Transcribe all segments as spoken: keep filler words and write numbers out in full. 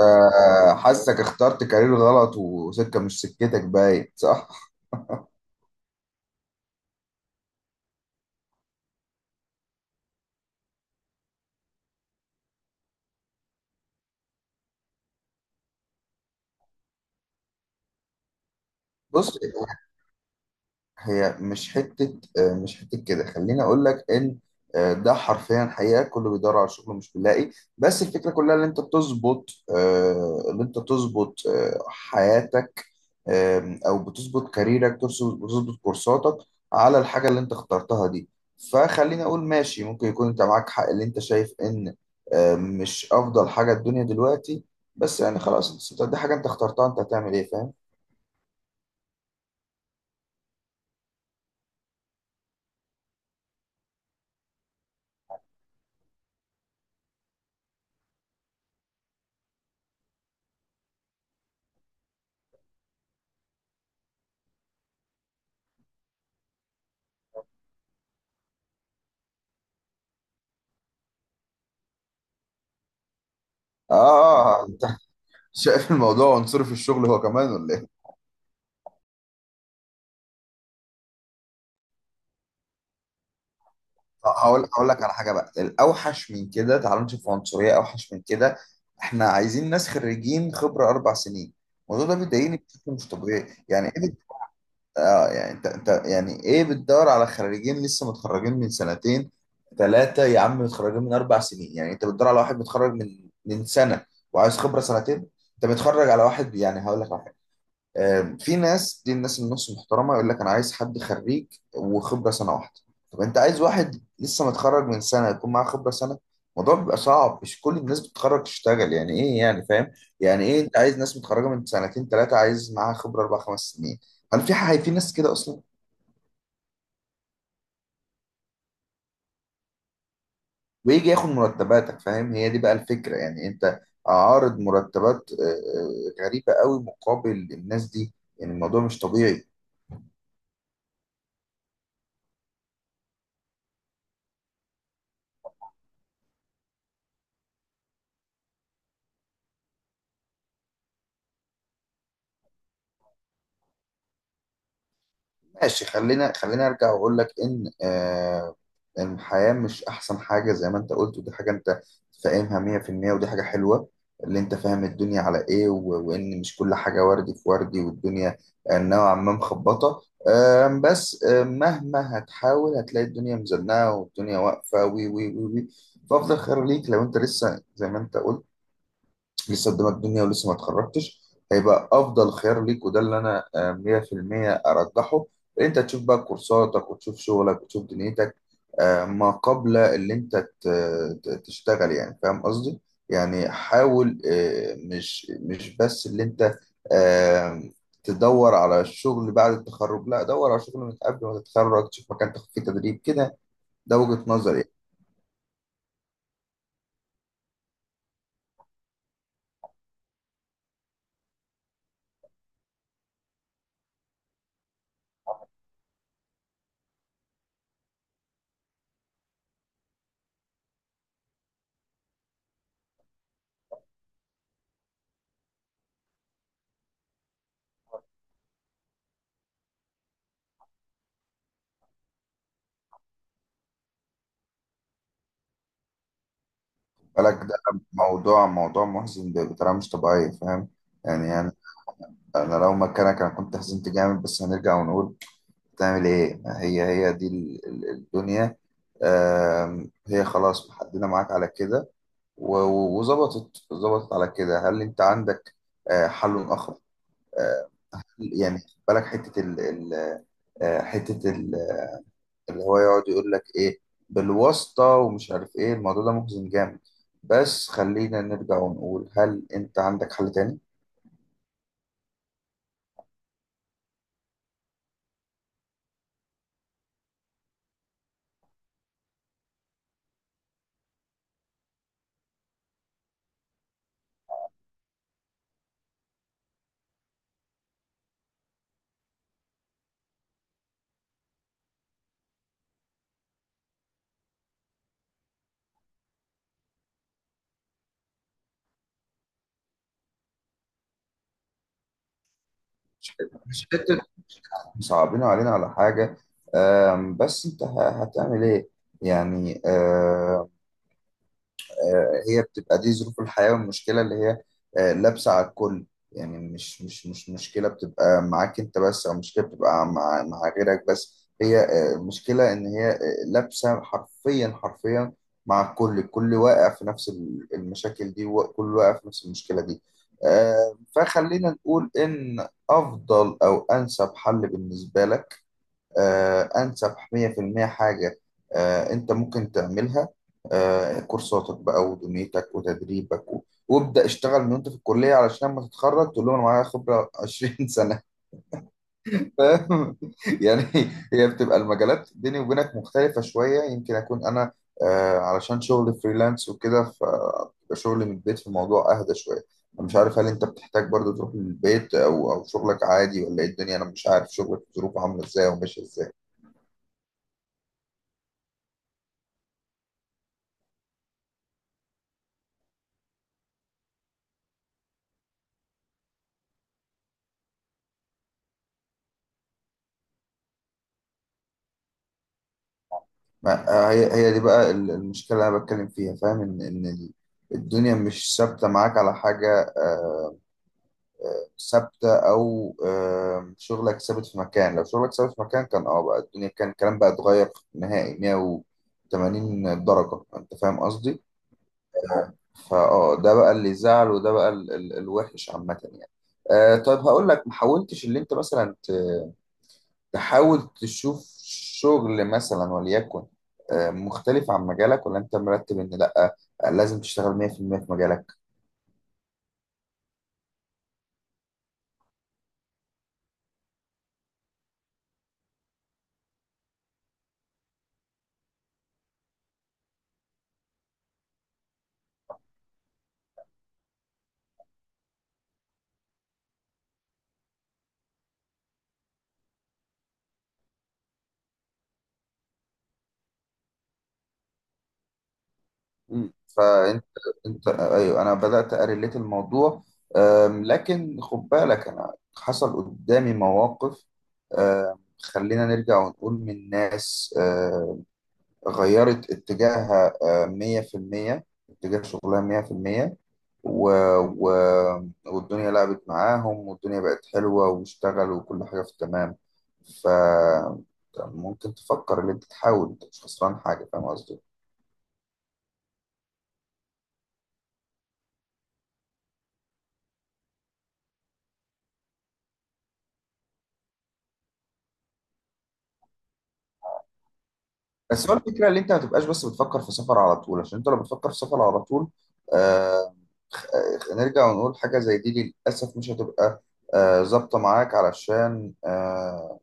آه، حاسك اخترت كارير غلط وسكة مش سكتك باين، صح؟ بص، هي مش حتة آه، مش حتة كده. خليني اقول لك ان آه، ده حرفيا حقيقة، كله بيدور على شغل مش بيلاقي. بس الفكرة كلها ان انت تظبط آه، ان انت تظبط آه، حياتك، آم، او بتظبط كاريرك، ترس- بتظبط كورساتك على الحاجه اللي انت اخترتها دي. فخليني اقول ماشي، ممكن يكون انت معاك حق اللي انت شايف ان آم، مش افضل حاجه الدنيا دلوقتي، بس يعني خلاص انت دي حاجه انت اخترتها، انت هتعمل ايه؟ فاهم؟ اه انت شايف الموضوع عنصري في الشغل هو كمان ولا ايه؟ هقول هقول لك على حاجه بقى الاوحش من كده، تعالوا نشوف عنصريه اوحش من كده. احنا عايزين ناس خريجين خبره اربع سنين. الموضوع ده بيضايقني بشكل مش طبيعي، يعني ايه؟ اه يعني انت انت يعني ايه بتدور على خريجين لسه متخرجين من سنتين، ثلاثة، يا عم، متخرجين من أربع سنين؟ يعني انت بتدور على واحد متخرج من من سنة وعايز خبرة سنتين. انت بتتخرج على واحد، يعني هقول لك، آه، في ناس، دي الناس النص محترمه، يقول لك انا عايز حد خريج وخبره سنه واحده. طب انت عايز واحد لسه متخرج من سنه يكون معاه خبره سنه؟ الموضوع بيبقى صعب، مش كل الناس بتتخرج تشتغل، يعني ايه، يعني فاهم؟ يعني ايه انت عايز ناس متخرجه من سنتين ثلاثه عايز معاها خبره اربع خمس سنين؟ هل في حاجه في ناس كده اصلا؟ ويجي ياخد مرتباتك، فاهم؟ هي دي بقى الفكره، يعني انت عارض مرتبات آه، آه، غريبه قوي مقابل الناس دي. يعني الموضوع مش طبيعي. ماشي، خلينا خلينا ارجع واقول لك ان آه إن الحياه مش احسن حاجه زي ما انت قلت، ودي حاجه انت فاهمها مية في المية، ودي حاجه حلوه اللي انت فاهم الدنيا على ايه، و- وان مش كل حاجه وردي في وردي، والدنيا آه، نوعا ما مخبطه. آه بس آه مهما هتحاول هتلاقي الدنيا مزنقه والدنيا واقفه وي وي وي وي. فافضل خير ليك لو انت لسه زي ما انت قلت لسه قدامك الدنيا ولسه ما اتخرجتش، هيبقى افضل خيار ليك، وده اللي انا آه، مية في المية ارجحه. ان انت تشوف بقى كورساتك وتشوف شغلك وتشوف دنيتك آه، ما قبل اللي انت ت- ت- تشتغل، يعني فاهم قصدي؟ يعني حاول، آه، مش مش بس اللي انت آه، تدور على الشغل بعد التخرج، لا، دور على شغل من قبل ما تتخرج، تشوف مكان تاخد فيه تدريب كده. ده وجهة نظري يعني. بالك، ده موضوع موضوع محزن بطريقة مش طبيعية، فاهم؟ يعني انا لو مكانك انا كنت حزنت جامد، بس هنرجع ونقول تعمل ايه؟ هي هي دي ال- ال- الدنيا. آم، هي خلاص محددة معاك على كده، و- و- وظبطت ظبطت على كده. هل انت عندك آه، حل اخر؟ آه، يعني خد بالك حتة ال ال- آه، حتة ال- اللي هو يقعد يقول لك ايه بالواسطة ومش عارف ايه. الموضوع ده محزن جامد، بس خلينا نرجع ونقول، هل انت عندك حل تاني؟ مش حتة صعبين علينا على حاجة. آم، بس انت ه- هتعمل ايه؟ يعني آه، آه، هي بتبقى دي ظروف الحياة، والمشكلة اللي هي آه، لابسة على الكل. يعني مش مش مش مشكلة بتبقى معاك انت بس، او مشكلة بتبقى مع مع غيرك بس، هي آه، المشكلة ان هي آه، لابسة حرفيا حرفيا مع الكل، الكل واقع في نفس ال- المشاكل دي، وكل واقع في نفس المشكلة دي. آه، فخلينا نقول ان افضل او انسب حل بالنسبة لك، آه، أنسب مية في المية حاجة آه، أنت ممكن تعملها، آه، كورساتك بقى ودنيتك وتدريبك، و- وابدأ اشتغل من وأنت في الكلية، علشان لما تتخرج تقول لهم أنا معايا خبرة 20 سنة. فاهم؟ يعني هي بتبقى المجالات بيني وبينك مختلفة شوية، يمكن أكون أنا آه، علشان شغل فريلانس وكده، فبيبقى شغلي من البيت، في الموضوع أهدى شوية. أنا مش عارف هل أنت بتحتاج برضو تروح للبيت أو أو شغلك عادي، ولا إيه الدنيا؟ أنا مش عارف شغلك ظروفه عاملة إزاي وماشية إزاي. ما آه، هي هي دي بقى ال- المشكلة اللي أنا بتكلم فيها، فاهم؟ إن إن ال- الدنيا مش ثابتة معاك على حاجة آه، ثابتة، أو آه، شغلك ثابت في مكان. لو شغلك ثابت في مكان كان أه بقى الدنيا كان الكلام بقى اتغير نهائي مائة وثمانين درجة، أنت فاهم قصدي؟ فأه ده بقى اللي زعل، وده بقى ال- ال- الوحش عامة، يعني. آه، طيب هقول لك، ما حاولتش اللي أنت مثلا تحاول تشوف شغل مثلا وليكن آه، مختلف عن مجالك؟ ولا انت مرتب ان لا آه، لازم تشتغل مية في المية في المية في مجالك؟ مم. فانت انت آه، ايوه انا بدات اريليت الموضوع. آم، لكن خد بالك انا حصل قدامي مواقف، آم، خلينا نرجع ونقول، من ناس آه، غيرت اتجاهها آه، مية في المية، اتجاه شغلها مية في المية. و... و... والدنيا لعبت معاهم، والدنيا بقت حلوة، واشتغلوا، وكل حاجة في التمام. ف ممكن تفكر ان انت تحاول، انت مش خسران حاجة، فاهم قصدي؟ بس هو الفكرة ان انت ما تبقاش بس بتفكر في سفر على طول، عشان انت لو بتفكر في سفر على طول آه... آه، نرجع ونقول حاجة زي دي للأسف مش هتبقى آه، ظابطة معاك، علشان آه،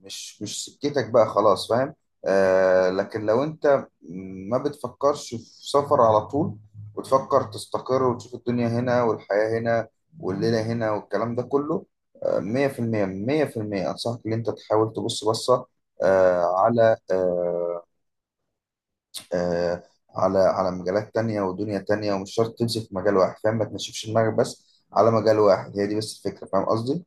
مش مش سكتك بقى خلاص، فاهم؟ آه لكن لو انت ما بتفكرش في سفر على طول، وتفكر تستقر وتشوف الدنيا هنا، والحياة هنا، والليلة هنا، والكلام ده كله، آه، مية في المية، مية في المية أنصحك إن أنت تحاول تبص بصة آه على آه آه على على مجالات تانية ودنيا تانية، ومش شرط تمسك في مجال واحد، فاهم؟ ما تنشفش دماغك بس على مجال واحد، هي دي بس الفكرة، فاهم قصدي؟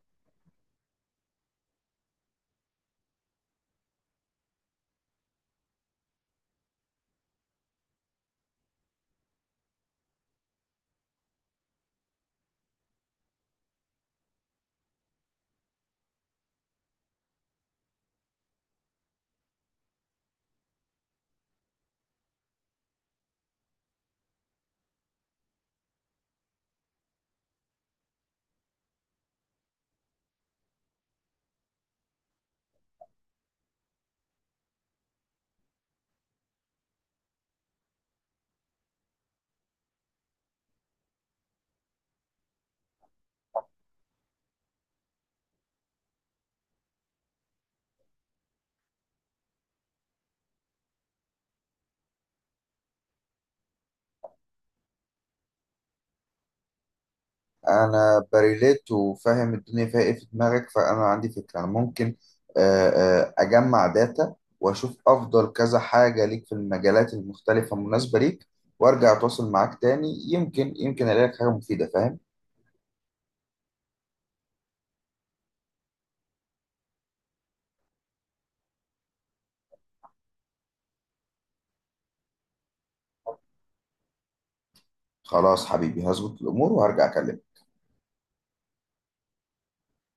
انا بريليت وفاهم الدنيا فيها ايه في دماغك، فانا عندي فكره، انا ممكن آه، آه، اجمع داتا واشوف افضل كذا حاجه ليك في المجالات المختلفه المناسبه ليك، وارجع اتواصل معاك تاني، يمكن يمكن الاقي لك حاجه مفيده، فاهم؟ خلاص حبيبي، هظبط الامور وهرجع اكلمك.